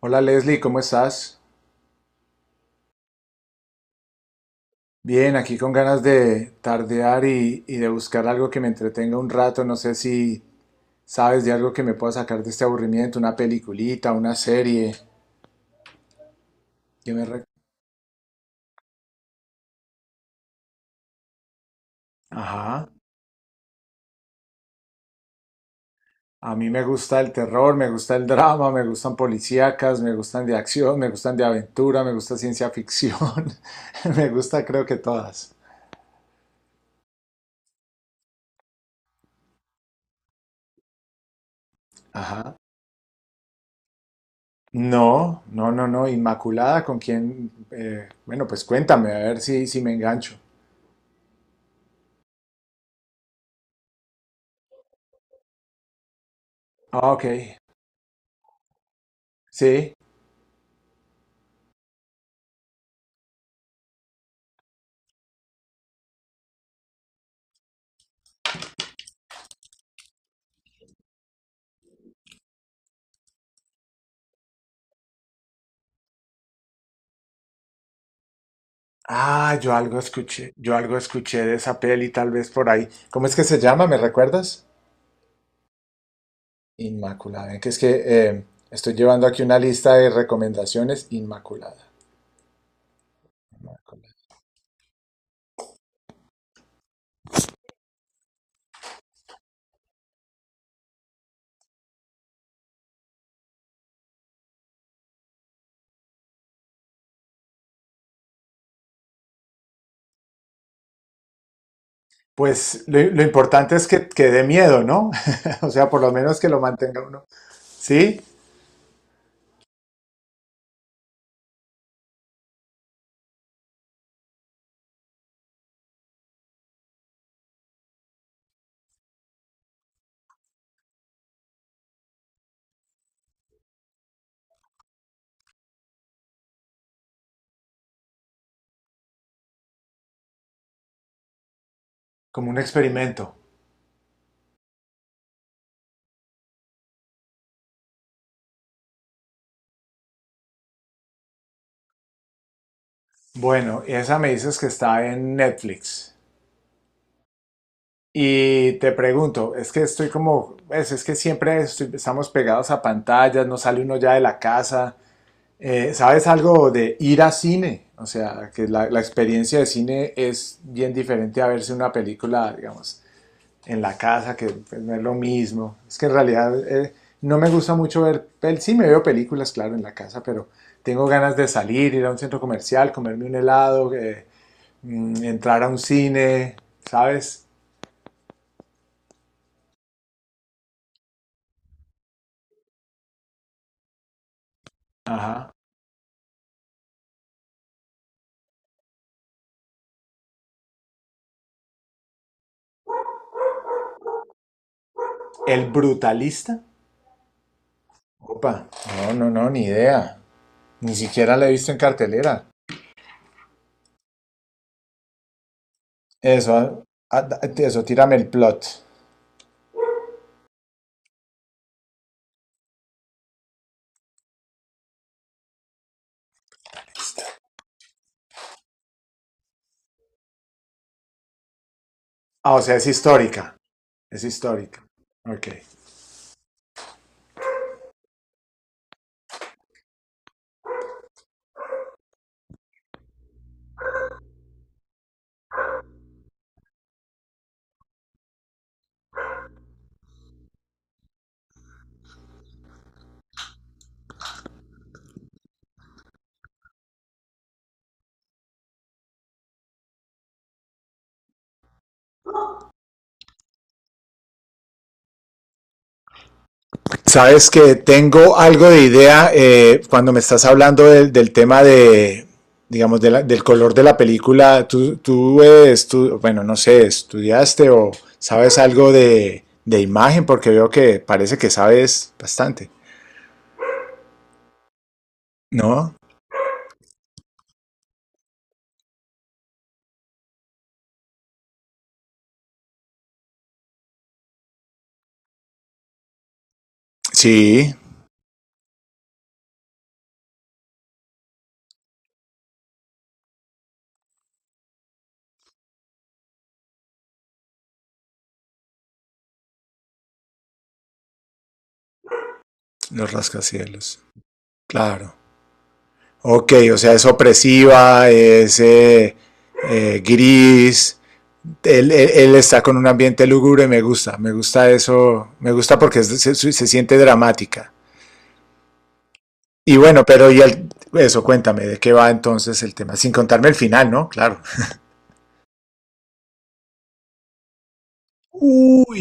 Hola Leslie, ¿cómo estás? Bien, aquí con ganas de tardear y de buscar algo que me entretenga un rato. No sé si sabes de algo que me pueda sacar de este aburrimiento, una peliculita, una serie. que me re- Ajá. A mí me gusta el terror, me gusta el drama, me gustan policíacas, me gustan de acción, me gustan de aventura, me gusta ciencia ficción. Me gusta creo que todas. Ajá. No, no, no, no. Inmaculada, ¿con quién? Bueno, pues cuéntame, a ver si me engancho. Ah, ok. Sí. Ah, yo algo escuché de esa peli tal vez por ahí. ¿Cómo es que se llama? ¿Me recuerdas? Inmaculada. Que es que eh, estoy llevando aquí una lista de recomendaciones. Inmaculada. Inmaculada. Pues lo importante es que dé miedo, ¿no? O sea, por lo menos que lo mantenga uno. Sí, como un experimento. Bueno, y esa me dices que está en Netflix. Y te pregunto, es que estoy como, es que estamos pegados a pantallas, no sale uno ya de la casa. ¿Sabes algo de ir a cine? O sea, que la experiencia de cine es bien diferente a verse una película, digamos, en la casa, que pues, no es lo mismo. Es que en realidad no me gusta mucho ver, pel sí me veo películas, claro, en la casa, pero tengo ganas de salir, ir a un centro comercial, comerme un helado, entrar a un cine, ¿sabes? Ajá. ¿El brutalista? Opa, no, no, no, ni idea. Ni siquiera la he visto en cartelera. Eso, eso, tírame el plot. Ah, o sea, es histórica. Es histórica. Ok. Sabes que tengo algo de idea. Cuando me estás hablando del tema de, digamos, del color de la película. Tú, bueno, no sé, ¿estudiaste o sabes algo de imagen? Porque veo que parece que sabes bastante. ¿No? Sí, los rascacielos. Claro. Ok, o sea, es opresiva, es gris. Él está con un ambiente lúgubre, me gusta eso, me gusta porque se, se siente dramática. Y bueno, pero y el, eso, cuéntame, ¿de qué va entonces el tema? Sin contarme el final, ¿no? Claro. Uy.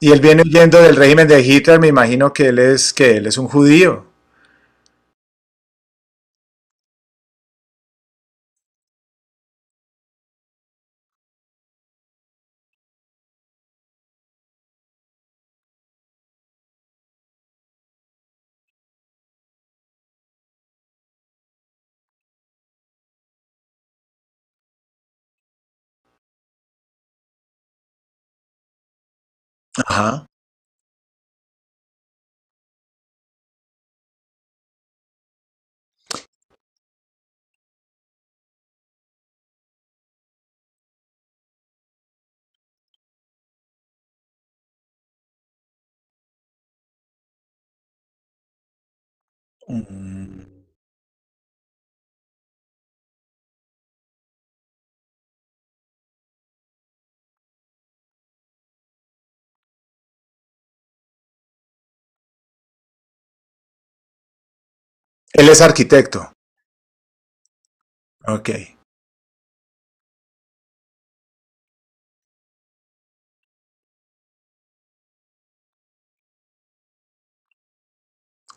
Y él viene huyendo del régimen de Hitler, me imagino que él es un judío. Ajá. Mm. Él es arquitecto. Ok.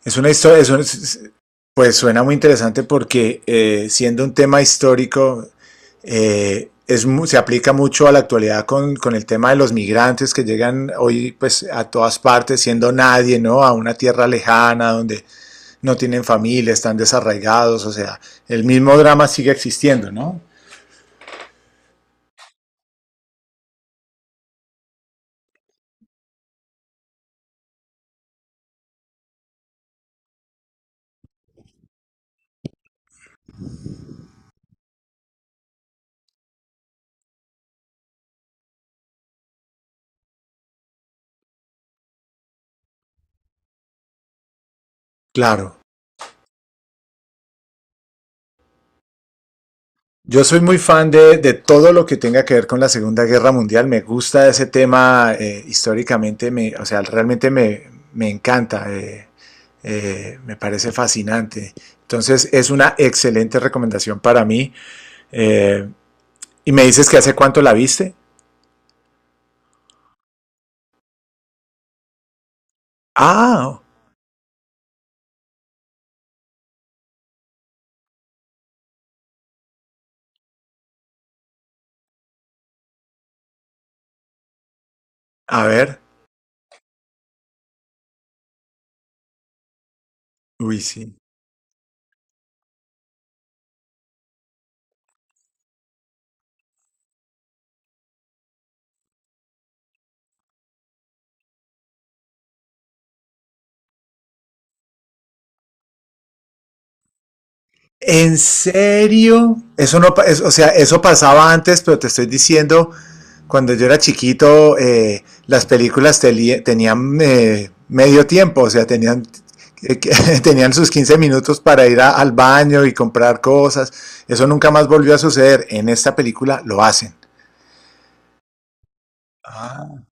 Es una historia, es un- Pues suena muy interesante porque siendo un tema histórico, se aplica mucho a la actualidad con el tema de los migrantes que llegan hoy pues a todas partes siendo nadie, ¿no? A una tierra lejana donde no tienen familia, están desarraigados, o sea, el mismo drama sigue existiendo, ¿no? Claro. Yo soy muy fan de todo lo que tenga que ver con la Segunda Guerra Mundial. Me gusta ese tema históricamente, me, o sea, realmente me, me encanta, me parece fascinante. Entonces es una excelente recomendación para mí. Eh, y me dices que hace cuánto la viste. Ah, a ver. Uy, sí. ¿En serio? Eso no, pa- es- O sea, eso pasaba antes, pero te estoy diciendo, cuando yo era chiquito, las películas te, tenían medio tiempo, o sea, tenían, eh, tenían sus 15 minutos para ir a, al baño y comprar cosas. Eso nunca más volvió a suceder. En esta película lo hacen. Ah.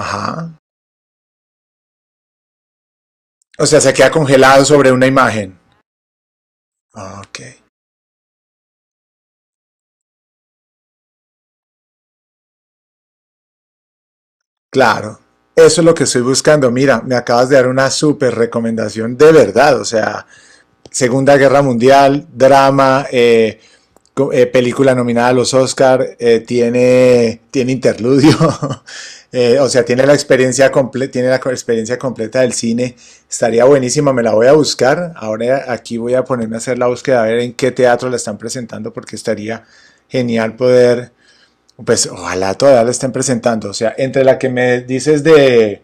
Ajá. O sea, se queda congelado sobre una imagen. Ah, ok, claro. Eso es lo que estoy buscando. Mira, me acabas de dar una súper recomendación de verdad. O sea, Segunda Guerra Mundial, drama, película nominada a los Oscar, tiene, tiene interludio, o sea, tiene la, experiencia comple tiene la experiencia completa del cine, estaría buenísima, me la voy a buscar. Ahora aquí voy a ponerme a hacer la búsqueda, a ver en qué teatro la están presentando, porque estaría genial poder, pues ojalá todavía la estén presentando. O sea, entre la que me dices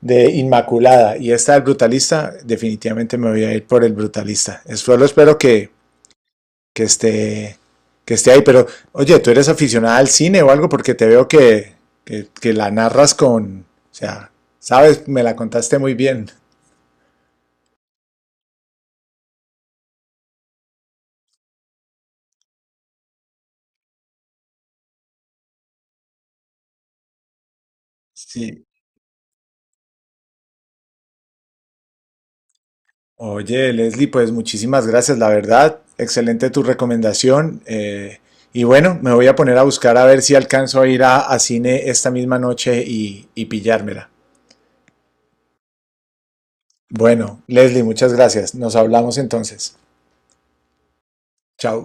de Inmaculada y esta del Brutalista, definitivamente me voy a ir por el Brutalista. Solo espero que que esté, que esté ahí. Pero, oye, ¿tú eres aficionada al cine o algo? Porque te veo que la narras con, o sea, sabes, me la contaste muy bien. Sí, oye, Leslie, pues muchísimas gracias, la verdad. Excelente tu recomendación. Y bueno, me voy a poner a buscar a ver si alcanzo a ir a cine esta misma noche y pillármela. Bueno, Leslie, muchas gracias. Nos hablamos entonces. Chao.